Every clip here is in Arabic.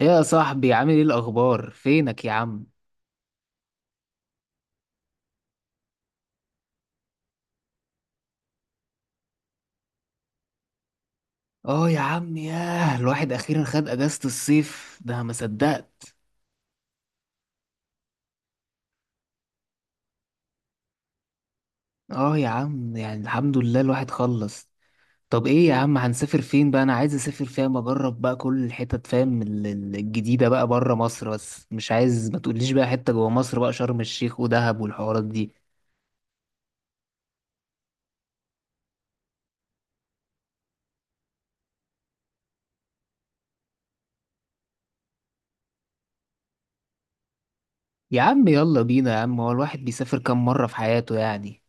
ايه يا صاحبي؟ عامل ايه الاخبار؟ فينك يا عم؟ اه يا عم، ياه الواحد اخيرا خد اجازة الصيف، ده ما صدقت. اه يا عم يعني الحمد لله الواحد خلص. طب ايه يا عم، هنسافر فين بقى؟ انا عايز اسافر فاهم، اجرب بقى كل الحتت فاهم، الجديدة بقى بره مصر، بس مش عايز ما تقوليش بقى حتة جوه مصر بقى شرم الشيخ ودهب والحوارات دي. يا عم يلا بينا يا عم، هو الواحد بيسافر كام مرة في حياته يعني؟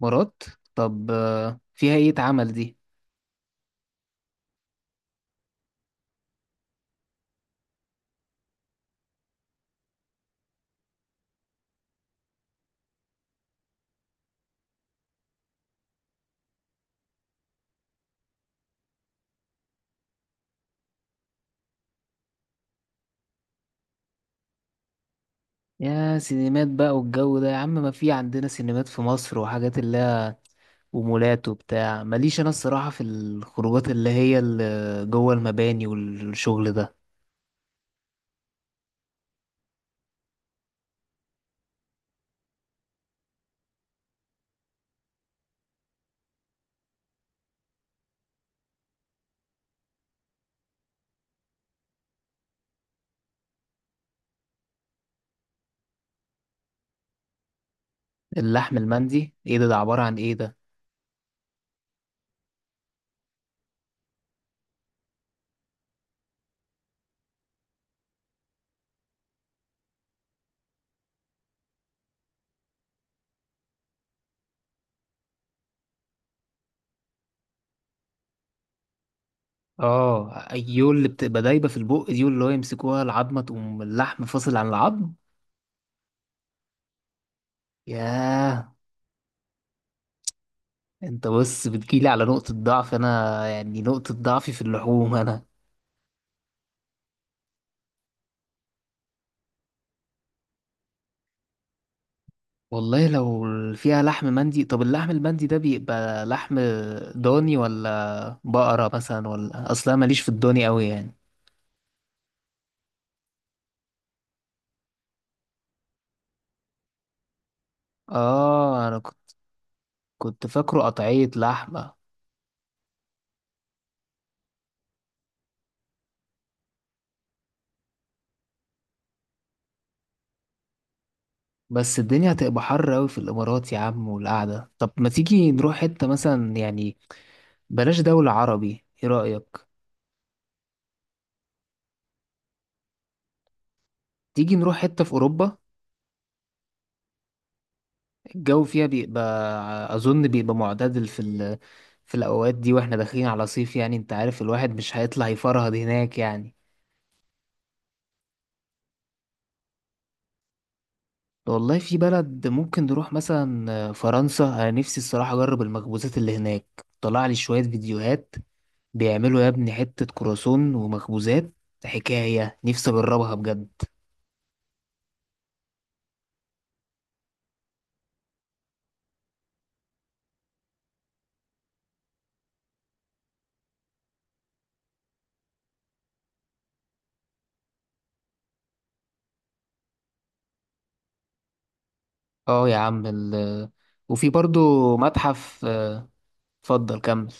مرات. طب فيها ايه اتعمل دي؟ يا سينمات بقى والجو ده يا عم، ما في عندنا سينمات في مصر وحاجات اللي هي، ومولات وبتاع. ماليش انا الصراحة في الخروجات اللي هي اللي جوه المباني والشغل ده. اللحم المندي ايه ده؟ ده عبارة عن ايه ده؟ اه ايول، اللي بتبقى دايبة في البق دي واللي هو يمسكوها العظمة تقوم اللحم فاصل عن العظم. ياه. انت بص بتجيلي على نقطة ضعف انا يعني، نقطة ضعفي في اللحوم انا. والله لو فيها لحم مندي. طب اللحم المندي ده بيبقى لحم ضاني ولا بقرة مثلا؟ ولا اصلا ماليش في الضاني قوي يعني. اه انا كنت فاكره قطعية لحمة. بس الدنيا هتبقى حر قوي في الامارات يا عم والقعدة. طب ما تيجي نروح حتة مثلا يعني، بلاش دولة عربي، ايه رأيك؟ تيجي نروح حتة في اوروبا؟ الجو فيها بيبقى اظن بيبقى معتدل في ال... في الاوقات دي، واحنا داخلين على صيف يعني، انت عارف الواحد مش هيطلع يفرهد هناك يعني. والله في بلد ممكن نروح مثلا فرنسا. انا نفسي الصراحه اجرب المخبوزات اللي هناك، طلع لي شويه فيديوهات بيعملوا يا ابني حته كرواسون ومخبوزات، حكايه نفسي اجربها بجد. اه يا عم ال... وفي برضو متحف اتفضل كمل.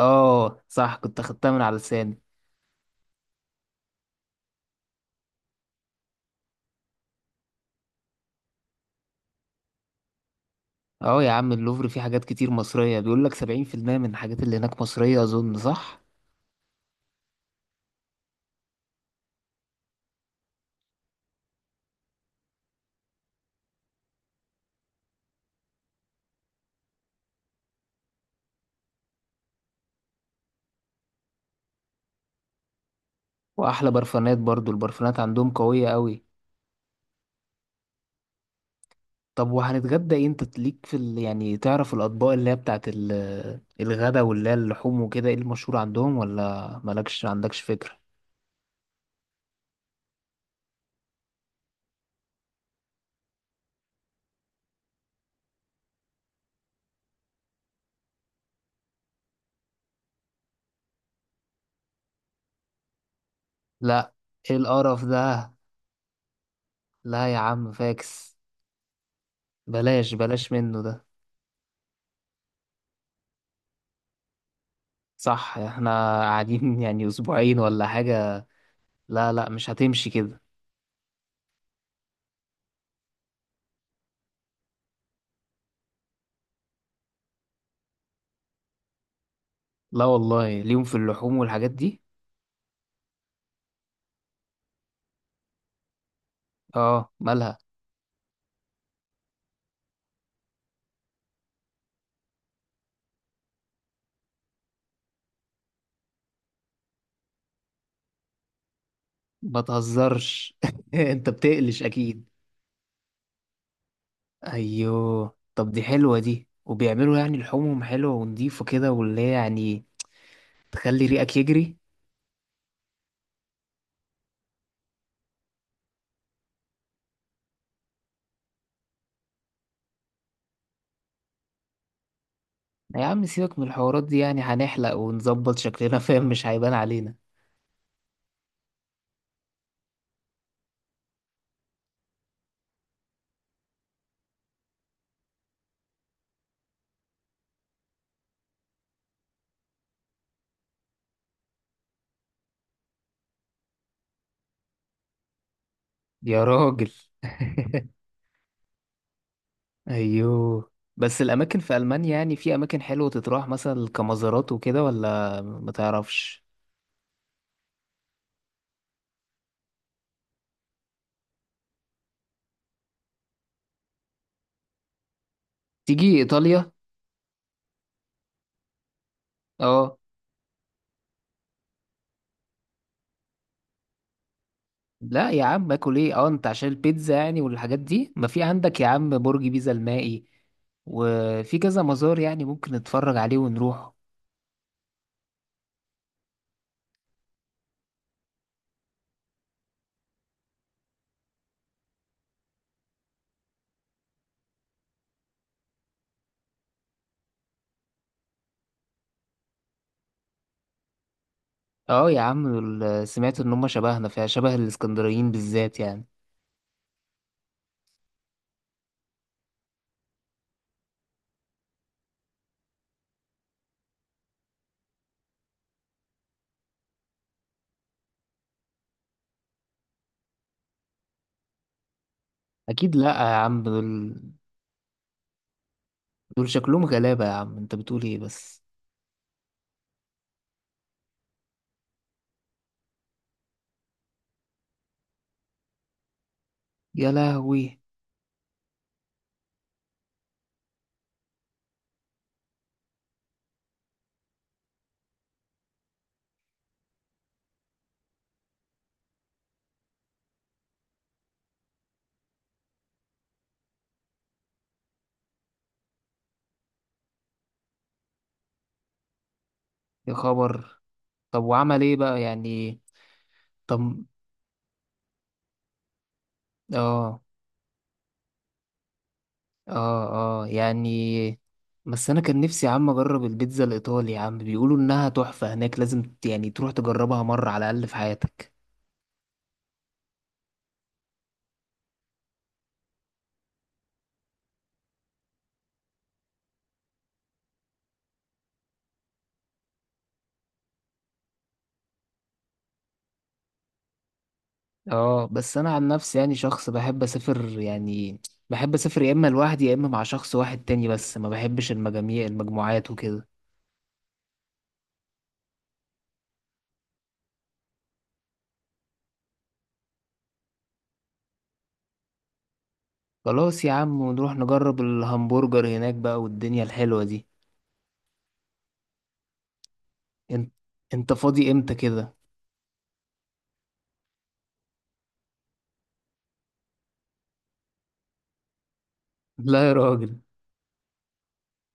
اه صح كنت اخدتها من على لساني. اه يا عم اللوفر فيه حاجات كتير مصريه، بيقول لك 70% من الحاجات اللي هناك مصريه، اظن صح. واحلى برفانات برضو، البرفانات عندهم قويه قوي. طب وهنتغدى ايه؟ انت ليك في ال... يعني تعرف الاطباق اللي هي بتاعت ال... الغدا واللي هي اللحوم وكده، ايه المشهور عندهم ولا مالكش عندكش فكرة؟ لا. ايه القرف ده؟ لا يا عم فاكس، بلاش منه ده. صح، احنا قاعدين يعني اسبوعين ولا حاجة؟ لا لا، مش هتمشي كده. لا والله ليهم في اللحوم والحاجات دي. اه مالها؟ ما تهزرش انت بتقلش، اكيد؟ ايوه طب دي حلوة دي، وبيعملوا يعني لحومهم حلوة ونضيفة كده واللي هي يعني تخلي ريقك يجري. يا عم سيبك من الحوارات دي يعني، هنحلق ونظبط شكلنا فاهم، مش هيبان علينا. يا راجل. ايوه، بس الاماكن في المانيا يعني في اماكن حلوة تتراح مثلا كمزارات وكده ولا ما تعرفش؟ تيجي ايطاليا؟ اه. لا يا عم اكل ايه؟ اه انت عشان البيتزا يعني والحاجات دي؟ ما في عندك يا عم برج بيزا المائي، وفي كذا مزار يعني ممكن نتفرج عليه ونروح. اه يا عم دول، سمعت ان هم شبهنا، فيها شبه الاسكندرانيين بالذات يعني. اكيد. لا يا عم دول شكلهم غلابة، يا عم انت بتقول ايه بس؟ يا لهوي. يا خبر. طب وعمل ايه بقى يعني؟ طب. اه. اه اه يعني. بس انا كان نفسي يا عم اجرب البيتزا الايطالي يا عم، بيقولوا انها تحفة هناك، لازم يعني تروح تجربها مرة على الاقل في حياتك. اه بس انا عن نفسي يعني شخص بحب اسافر يعني، بحب اسافر يا اما لوحدي يا اما مع شخص واحد تاني، بس ما بحبش المجاميع المجموعات وكده. خلاص يا عم، ونروح نجرب الهمبرجر هناك بقى والدنيا الحلوة دي. انت انت فاضي امتى كده؟ لا يا راجل.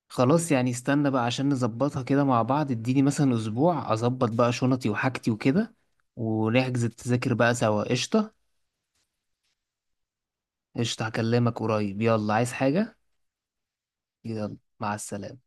خلاص يعني استنى بقى عشان نظبطها كده مع بعض، اديني مثلا اسبوع اظبط بقى شنطي وحاجتي وكده، ونحجز التذاكر بقى سوا. قشطة؟ قشطة هكلمك قريب، يلا عايز حاجة؟ يلا مع السلامة.